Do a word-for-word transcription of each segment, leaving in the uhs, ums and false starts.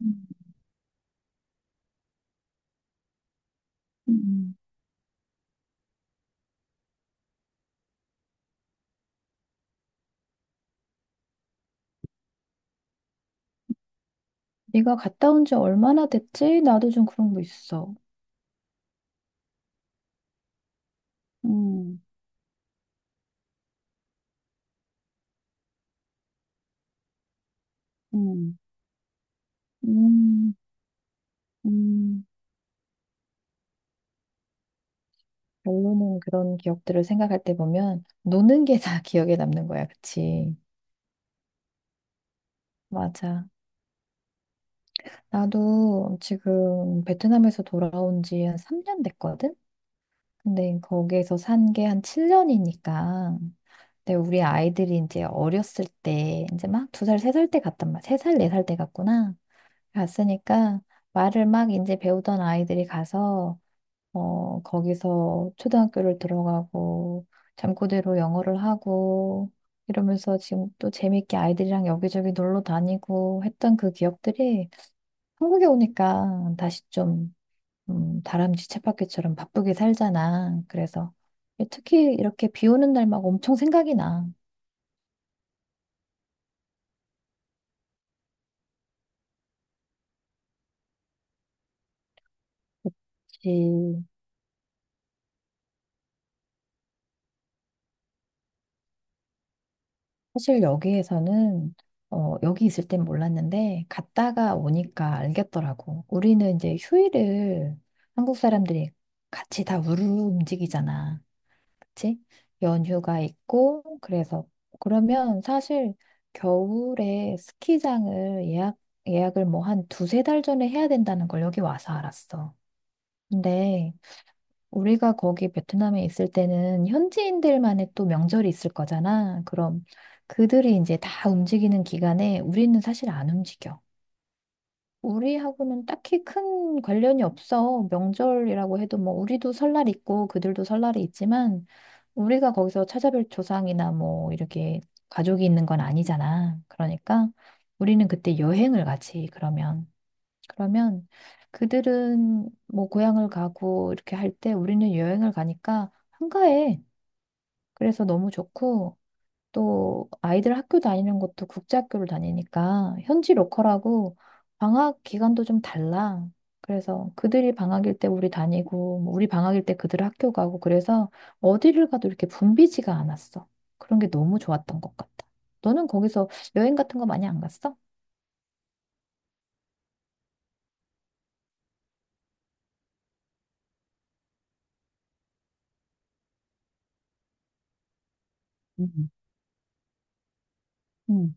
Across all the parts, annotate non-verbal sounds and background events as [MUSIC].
음, 음. 음. 네가 갔다 온지 얼마나 됐지? 나도 좀 그런 거 있어. 음, 음, 음, 음. 결론은 그런 기억들을 생각할 때 보면 노는 게 다 [LAUGHS] 기억에 남는 거야, 그치? 맞아. 나도 지금 베트남에서 돌아온 지 한 삼 년 됐거든? 근데 거기에서 산 게 한 칠 년이니까. 근데 우리 아이들이 이제 어렸을 때, 이제 막 두 살, 세 살 때 갔단 말이야. 세 살, 네 살 때 갔구나. 갔으니까 말을 막 이제 배우던 아이들이 가서 어 거기서 초등학교를 들어가고 잠꼬대로 영어를 하고 이러면서 지금 또 재밌게 아이들이랑 여기저기 놀러 다니고 했던 그 기억들이 한국에 오니까 다시 좀 음, 다람쥐 쳇바퀴처럼 바쁘게 살잖아. 그래서 특히 이렇게 비 오는 날 막 엄청 생각이 나. 사실 여기에서는 어, 여기 있을 땐 몰랐는데 갔다가 오니까 알겠더라고. 우리는 이제 휴일을 한국 사람들이 같이 다 우르르 움직이잖아. 그치? 연휴가 있고 그래서 그러면 사실 겨울에 스키장을 예약 예약을 뭐 한 두세 달 전에 해야 된다는 걸 여기 와서 알았어. 근데 우리가 거기 베트남에 있을 때는 현지인들만의 또 명절이 있을 거잖아. 그럼 그들이 이제 다 움직이는 기간에 우리는 사실 안 움직여. 우리하고는 딱히 큰 관련이 없어. 명절이라고 해도 뭐 우리도 설날 있고 그들도 설날이 있지만 우리가 거기서 찾아뵐 조상이나 뭐 이렇게 가족이 있는 건 아니잖아. 그러니까 우리는 그때 여행을 가지, 그러면. 그러면 그들은 뭐 고향을 가고 이렇게 할 때 우리는 여행을 가니까 한가해. 그래서 너무 좋고 또 아이들 학교 다니는 것도 국제학교를 다니니까 현지 로컬하고 방학 기간도 좀 달라. 그래서 그들이 방학일 때 우리 다니고 뭐 우리 방학일 때 그들 학교 가고 그래서 어디를 가도 이렇게 붐비지가 않았어. 그런 게 너무 좋았던 것 같아. 너는 거기서 여행 같은 거 많이 안 갔어? 음, 음,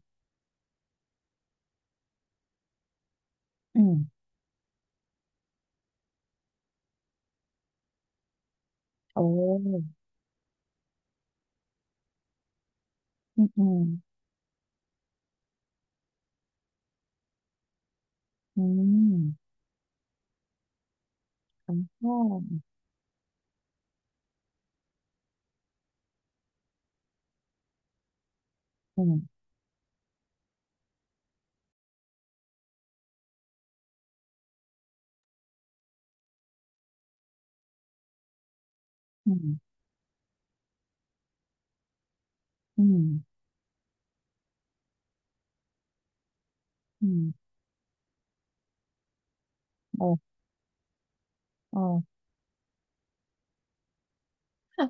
음. 오, 음, 음. 음, 그 음, 음, 음, 음, 어, 어.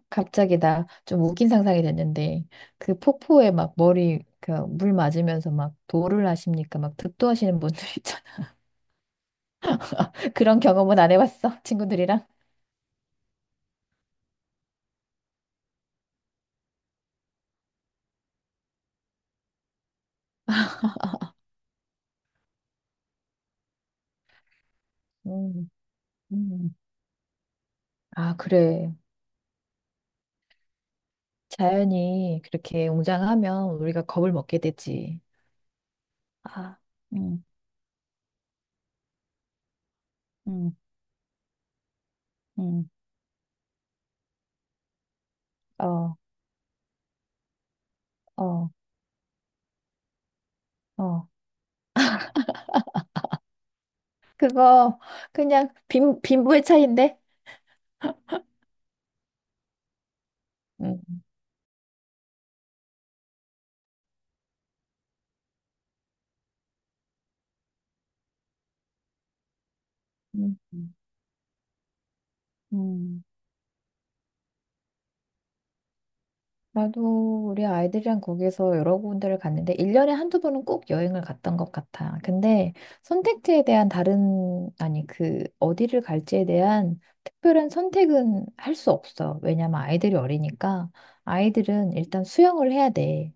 갑자기 나 좀 웃긴 상상이 됐는데, 그 폭포에 막 머리, 그 물 맞으면서 막 도를 하십니까? 막 득도하시는 분들 [LAUGHS] 있잖아. 그런 경험은 안 해봤어, 친구들이랑. 음, 음. 아, 그래. 자연이 그렇게 웅장하면 우리가 겁을 먹게 되지. 아, 음, 음, 음, 어, 어, 어. 그거, 그냥 빈, 빈부의 차이인데? 음, 음. 나도 우리 아이들이랑 거기서 여러 군데를 갔는데, 일 년에 한두 번은 꼭 여행을 갔던 것 같아. 근데 선택지에 대한 다른, 아니, 그, 어디를 갈지에 대한 특별한 선택은 할 수 없어. 왜냐면 아이들이 어리니까 아이들은 일단 수영을 해야 돼.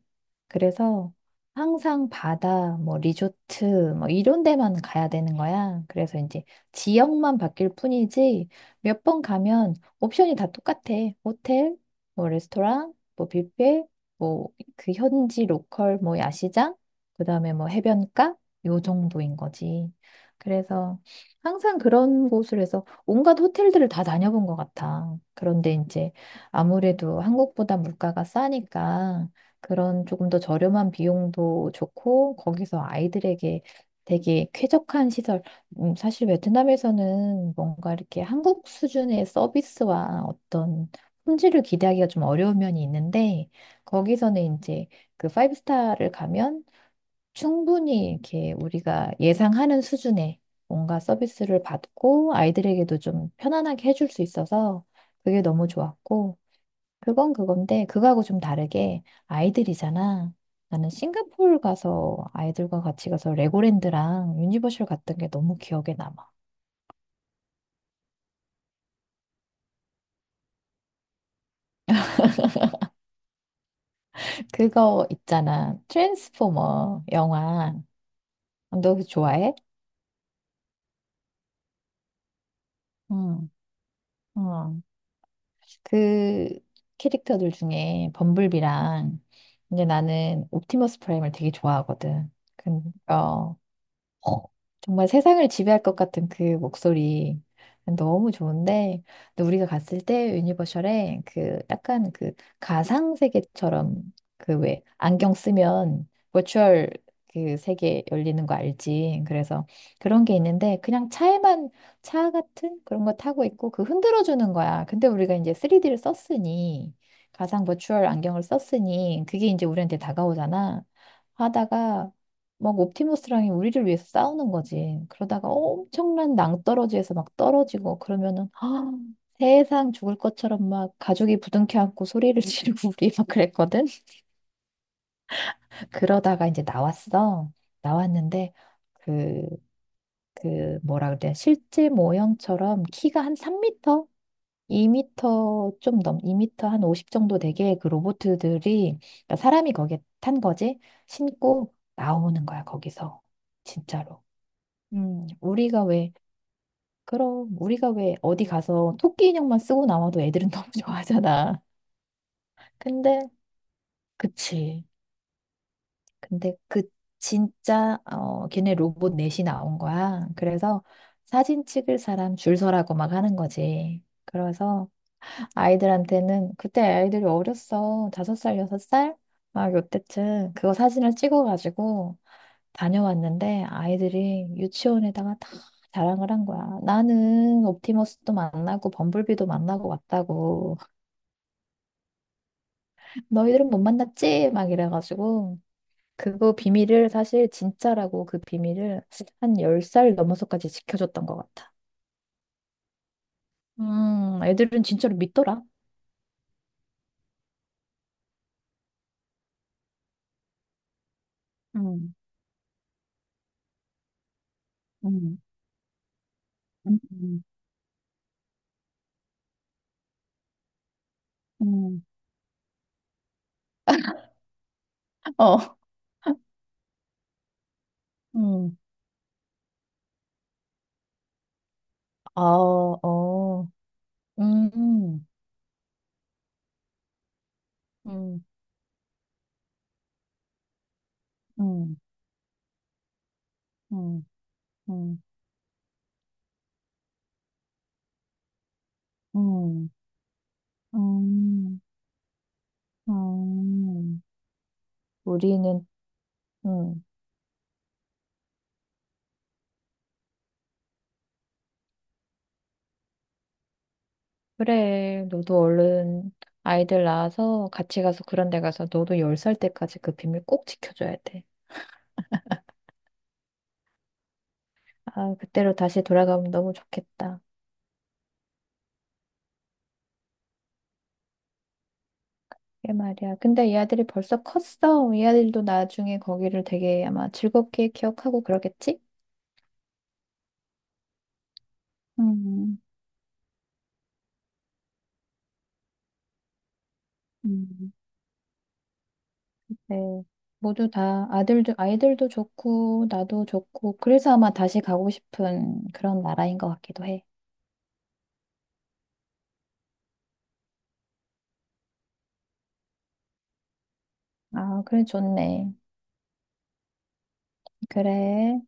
그래서 항상 바다, 뭐, 리조트, 뭐, 이런 데만 가야 되는 거야. 그래서 이제 지역만 바뀔 뿐이지 몇 번 가면 옵션이 다 똑같아. 호텔, 뭐 레스토랑, 뭐 뷔페, 뭐 그 현지 로컬 뭐 야시장, 그다음에 뭐 해변가 요 정도인 거지. 그래서 항상 그런 곳을 해서 온갖 호텔들을 다 다녀본 것 같아. 그런데 이제 아무래도 한국보다 물가가 싸니까 그런 조금 더 저렴한 비용도 좋고 거기서 아이들에게 되게 쾌적한 시설. 음, 사실 베트남에서는 뭔가 이렇게 한국 수준의 서비스와 어떤 품질을 기대하기가 좀 어려운 면이 있는데 거기서는 이제 그 파이브 스타를 가면 충분히 이렇게 우리가 예상하는 수준의 뭔가 서비스를 받고 아이들에게도 좀 편안하게 해줄 수 있어서 그게 너무 좋았고 그건 그건데 그거하고 좀 다르게 아이들이잖아. 나는 싱가포르 가서 아이들과 같이 가서 레고랜드랑 유니버셜 갔던 게 너무 기억에 남아. 그거 있잖아. 트랜스포머 영화. 너 그거 좋아해? 응. 어, 그 캐릭터들 중에 범블비랑 이제 나는 옵티머스 프라임을 되게 좋아하거든. 그, 어, 어, 정말 세상을 지배할 것 같은 그 목소리 너무 좋은데 근데 우리가 갔을 때 유니버셜에 그 약간 그 가상 세계처럼 그 왜 안경 쓰면 버추얼 그 세계 열리는 거 알지? 그래서 그런 게 있는데 그냥 차에만 차 같은 그런 거 타고 있고 그 흔들어 주는 거야. 근데 우리가 이제 쓰리디를 썼으니 가상 버추얼 안경을 썼으니 그게 이제 우리한테 다가오잖아. 하다가 막 옵티머스랑이 우리를 위해서 싸우는 거지. 그러다가 엄청난 낭떠러지에서 막 떨어지고 그러면은 아, 세상 죽을 것처럼 막 가죽이 부둥켜 안고 소리를 지르고 우리 막 그랬거든. [LAUGHS] 그러다가 이제 나왔어. 나왔는데 그, 그 뭐라 그래? 실제 모형처럼 키가 한 삼 미터? 이 미터 좀 넘, 이 미터 한 오십 정도 되게 그 로봇들이 그러니까 사람이 거기에 탄 거지 신고 나오는 거야 거기서 진짜로. 음, 우리가 왜, 그럼, 우리가 왜 어디 가서 토끼 인형만 쓰고 나와도 애들은 [LAUGHS] 너무 좋아하잖아. 근데, 그치. 근데 그 진짜, 어, 걔네 로봇 넷이 나온 거야. 그래서 사진 찍을 사람 줄 서라고 막 하는 거지. 그래서 아이들한테는 그때 아이들이 어렸어. 다섯 살, 여섯 살? 막 요때쯤 그거 사진을 찍어가지고 다녀왔는데 아이들이 유치원에다가 다 자랑을 한 거야. 나는 옵티머스도 만나고 범블비도 만나고 왔다고. [LAUGHS] 너희들은 못 만났지? 막 이래가지고 그거 비밀을 사실 진짜라고 그 비밀을 한 열 살 넘어서까지 지켜줬던 것 같아. 음, 애들은 진짜로 믿더라. 음, 음, 음, 음, 음. 어, 음. 아, 어, 음, 음, 음, 음, 음, 음, 음, 음. 우리는, 음, 그래, 너도 얼른 아이들 낳아서 같이 가서 그런 데 가서 너도 열 살 때까지 그 비밀 꼭 지켜줘야 돼. 아, 그때로 다시 돌아가면 너무 좋겠다. 그게 말이야. 근데 이 아들이 벌써 컸어. 이 아들도 나중에 거기를 되게 아마 즐겁게 기억하고 그러겠지? 음, 음. 네. 모두 다 아들도, 아이들도 좋고, 나도 좋고, 그래서 아마 다시 가고 싶은 그런 나라인 것 같기도 해. 아, 그래, 좋네. 그래.